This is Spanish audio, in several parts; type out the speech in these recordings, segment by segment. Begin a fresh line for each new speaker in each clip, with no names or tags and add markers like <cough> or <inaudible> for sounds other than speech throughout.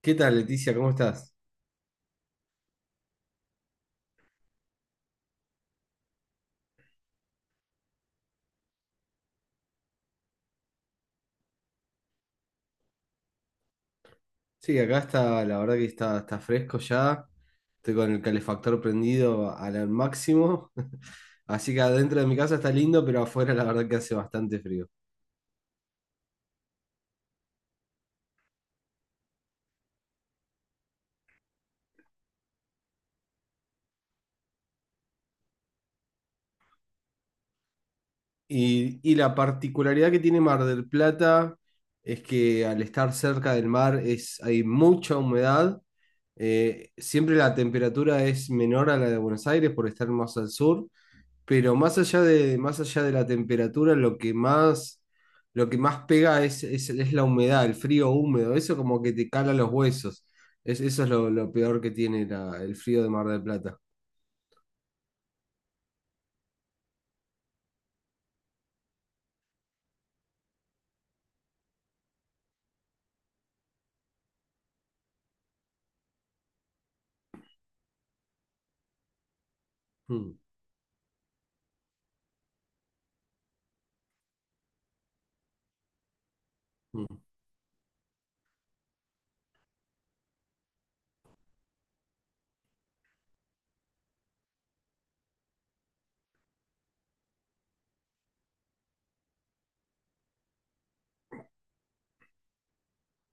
¿Qué tal, Leticia? ¿Cómo estás? Sí, acá está, la verdad que está, está fresco ya. Estoy con el calefactor prendido al máximo. <laughs> Así que adentro de mi casa está lindo, pero afuera la verdad que hace bastante frío. Y la particularidad que tiene Mar del Plata es que al estar cerca del mar hay mucha humedad. Siempre la temperatura es menor a la de Buenos Aires por estar más al sur. Pero más allá de la temperatura, lo que más pega es la humedad, el frío húmedo, eso como que te cala los huesos. Eso es lo peor que tiene el frío de Mar del Plata. Mm, mm.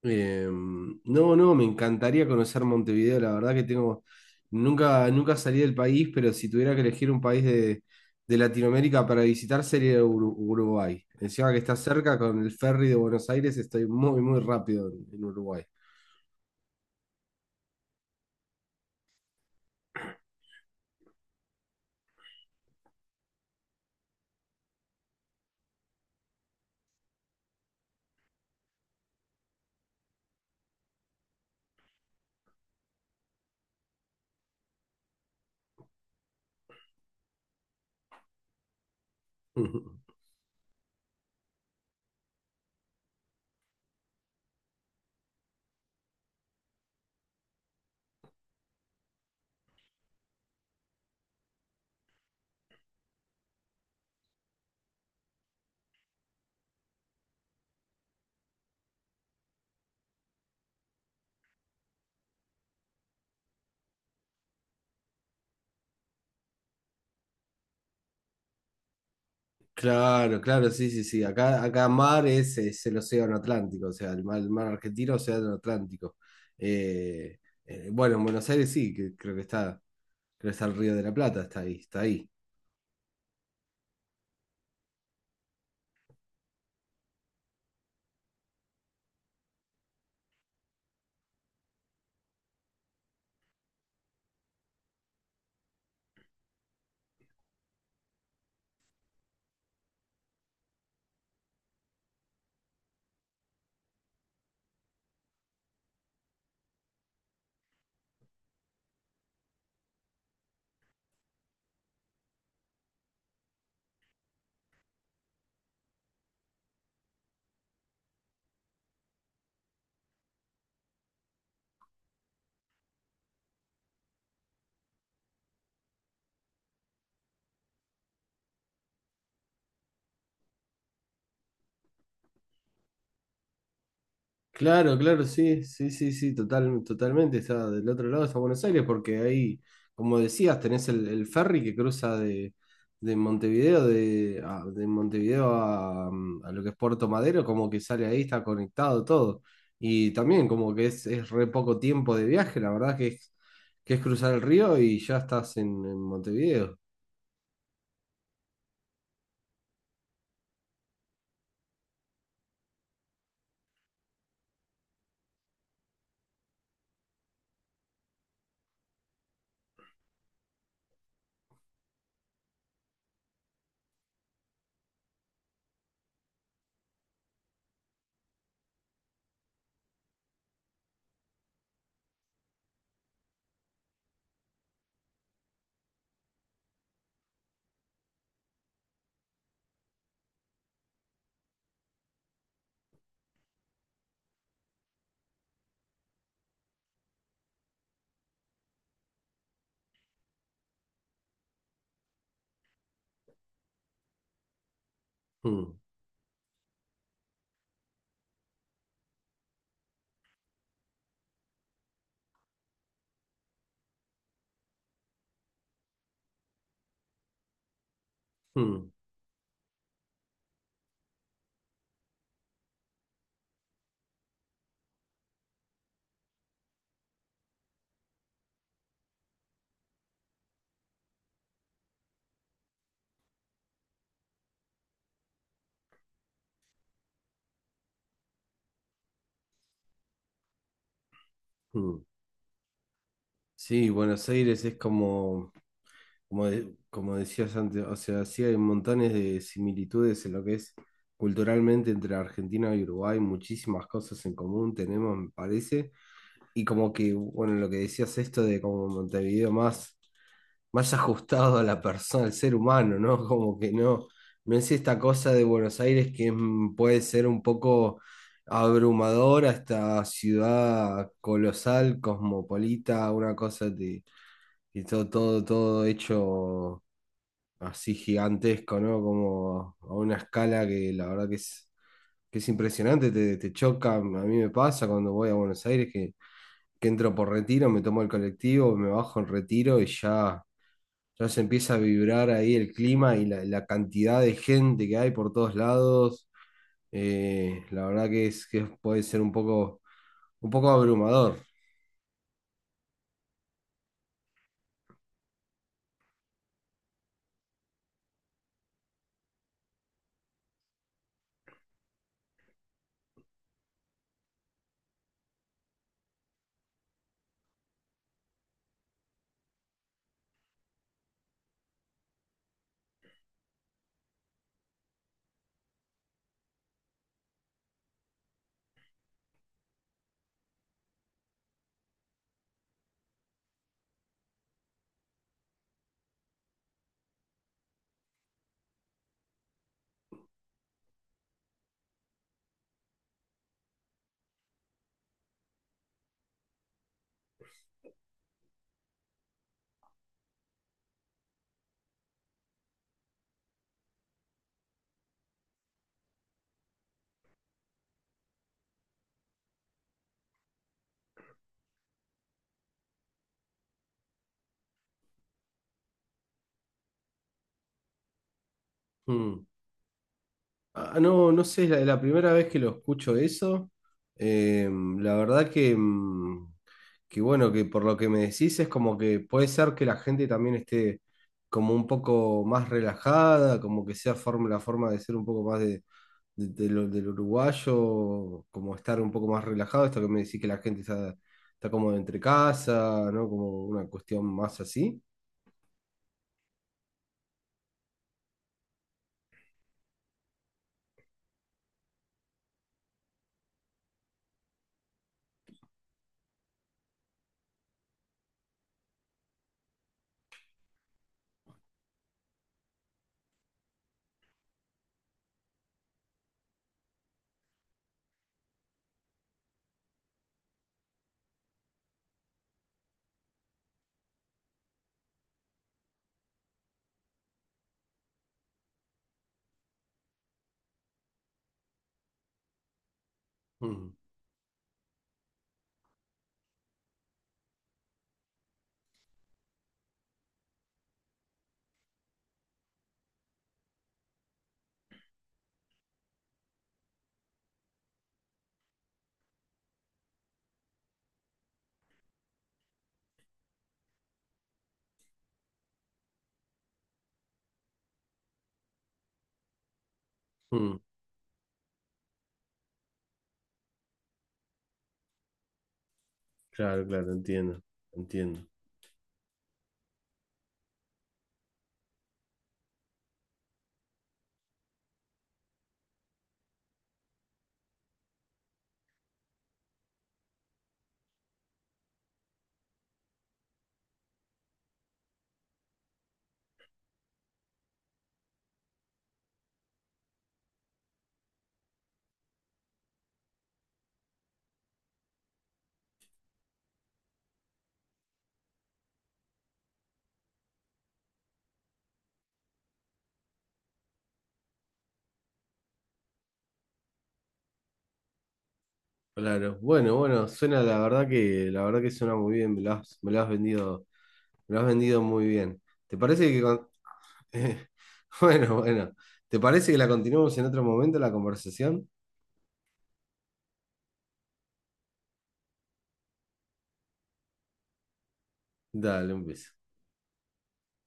No, no, me encantaría conocer Montevideo, la verdad que tengo, nunca salí del país, pero si tuviera que elegir un país de Latinoamérica para visitar sería Uruguay. Encima que está cerca con el ferry de Buenos Aires, estoy muy, muy rápido en Uruguay. <laughs> Claro, claro, sí, sí, sí. Acá mar es el océano Atlántico, o sea, el mar argentino, océano Atlántico. Eh, bueno, en Buenos Aires sí, que creo que está el Río de la Plata, está ahí, está ahí. Claro, claro, sí, sí, sí, sí, total, totalmente. Está del otro lado, está Buenos Aires, porque ahí, como decías, tenés el ferry que cruza de Montevideo, de, de Montevideo a, mm, a lo que es Puerto Madero, como que sale ahí, está conectado todo. Y también como que es re poco tiempo de viaje, la verdad que es cruzar el río y ya estás en Montevideo. Mm, mm, mm. Sí, Buenos Aires es como... Como, como decías antes, o sea, sí hay montones de similitudes en lo que es culturalmente entre Argentina y Uruguay, muchísimas cosas en común tenemos, me parece. Y como que, bueno, lo que decías esto de como más <laughs> ajustado a la persona, al ser humano, ¿no? Como que no, no es esta cosa de Buenos Aires que puede ser un poco abrumadora, esta ciudad colosal, cosmopolita, una cosa de, que todo hecho así gigantesco, ¿no? Como a una escala que la verdad que es impresionante, te choca. A mí me pasa cuando voy a Buenos Aires que entro por retiro, me tomo el colectivo, me bajo en retiro y ya se empieza a vibrar ahí el clima y la cantidad de gente que hay por todos lados. La verdad que, que puede ser un poco abrumador. Mm. Ah, no, no sé, es la primera vez que lo escucho eso. Eh, la verdad que que bueno, que por lo que me decís es como que puede ser que la gente también esté como un poco más relajada, como que la forma de ser un poco más de, del uruguayo, como estar un poco más relajado, esto que me decís que está como entre casa, ¿no? Como una cuestión más así. Mm, mm, claro, claro, entiendo, entiendo. Claro, bueno, bueno, suena la verdad que suena muy bien, me lo has vendido, me lo has vendido muy bien. ¿Te parece que con- Eh, <laughs> bueno, bueno. ¿Te parece que la continuemos en otro momento la conversación? Dale, un beso.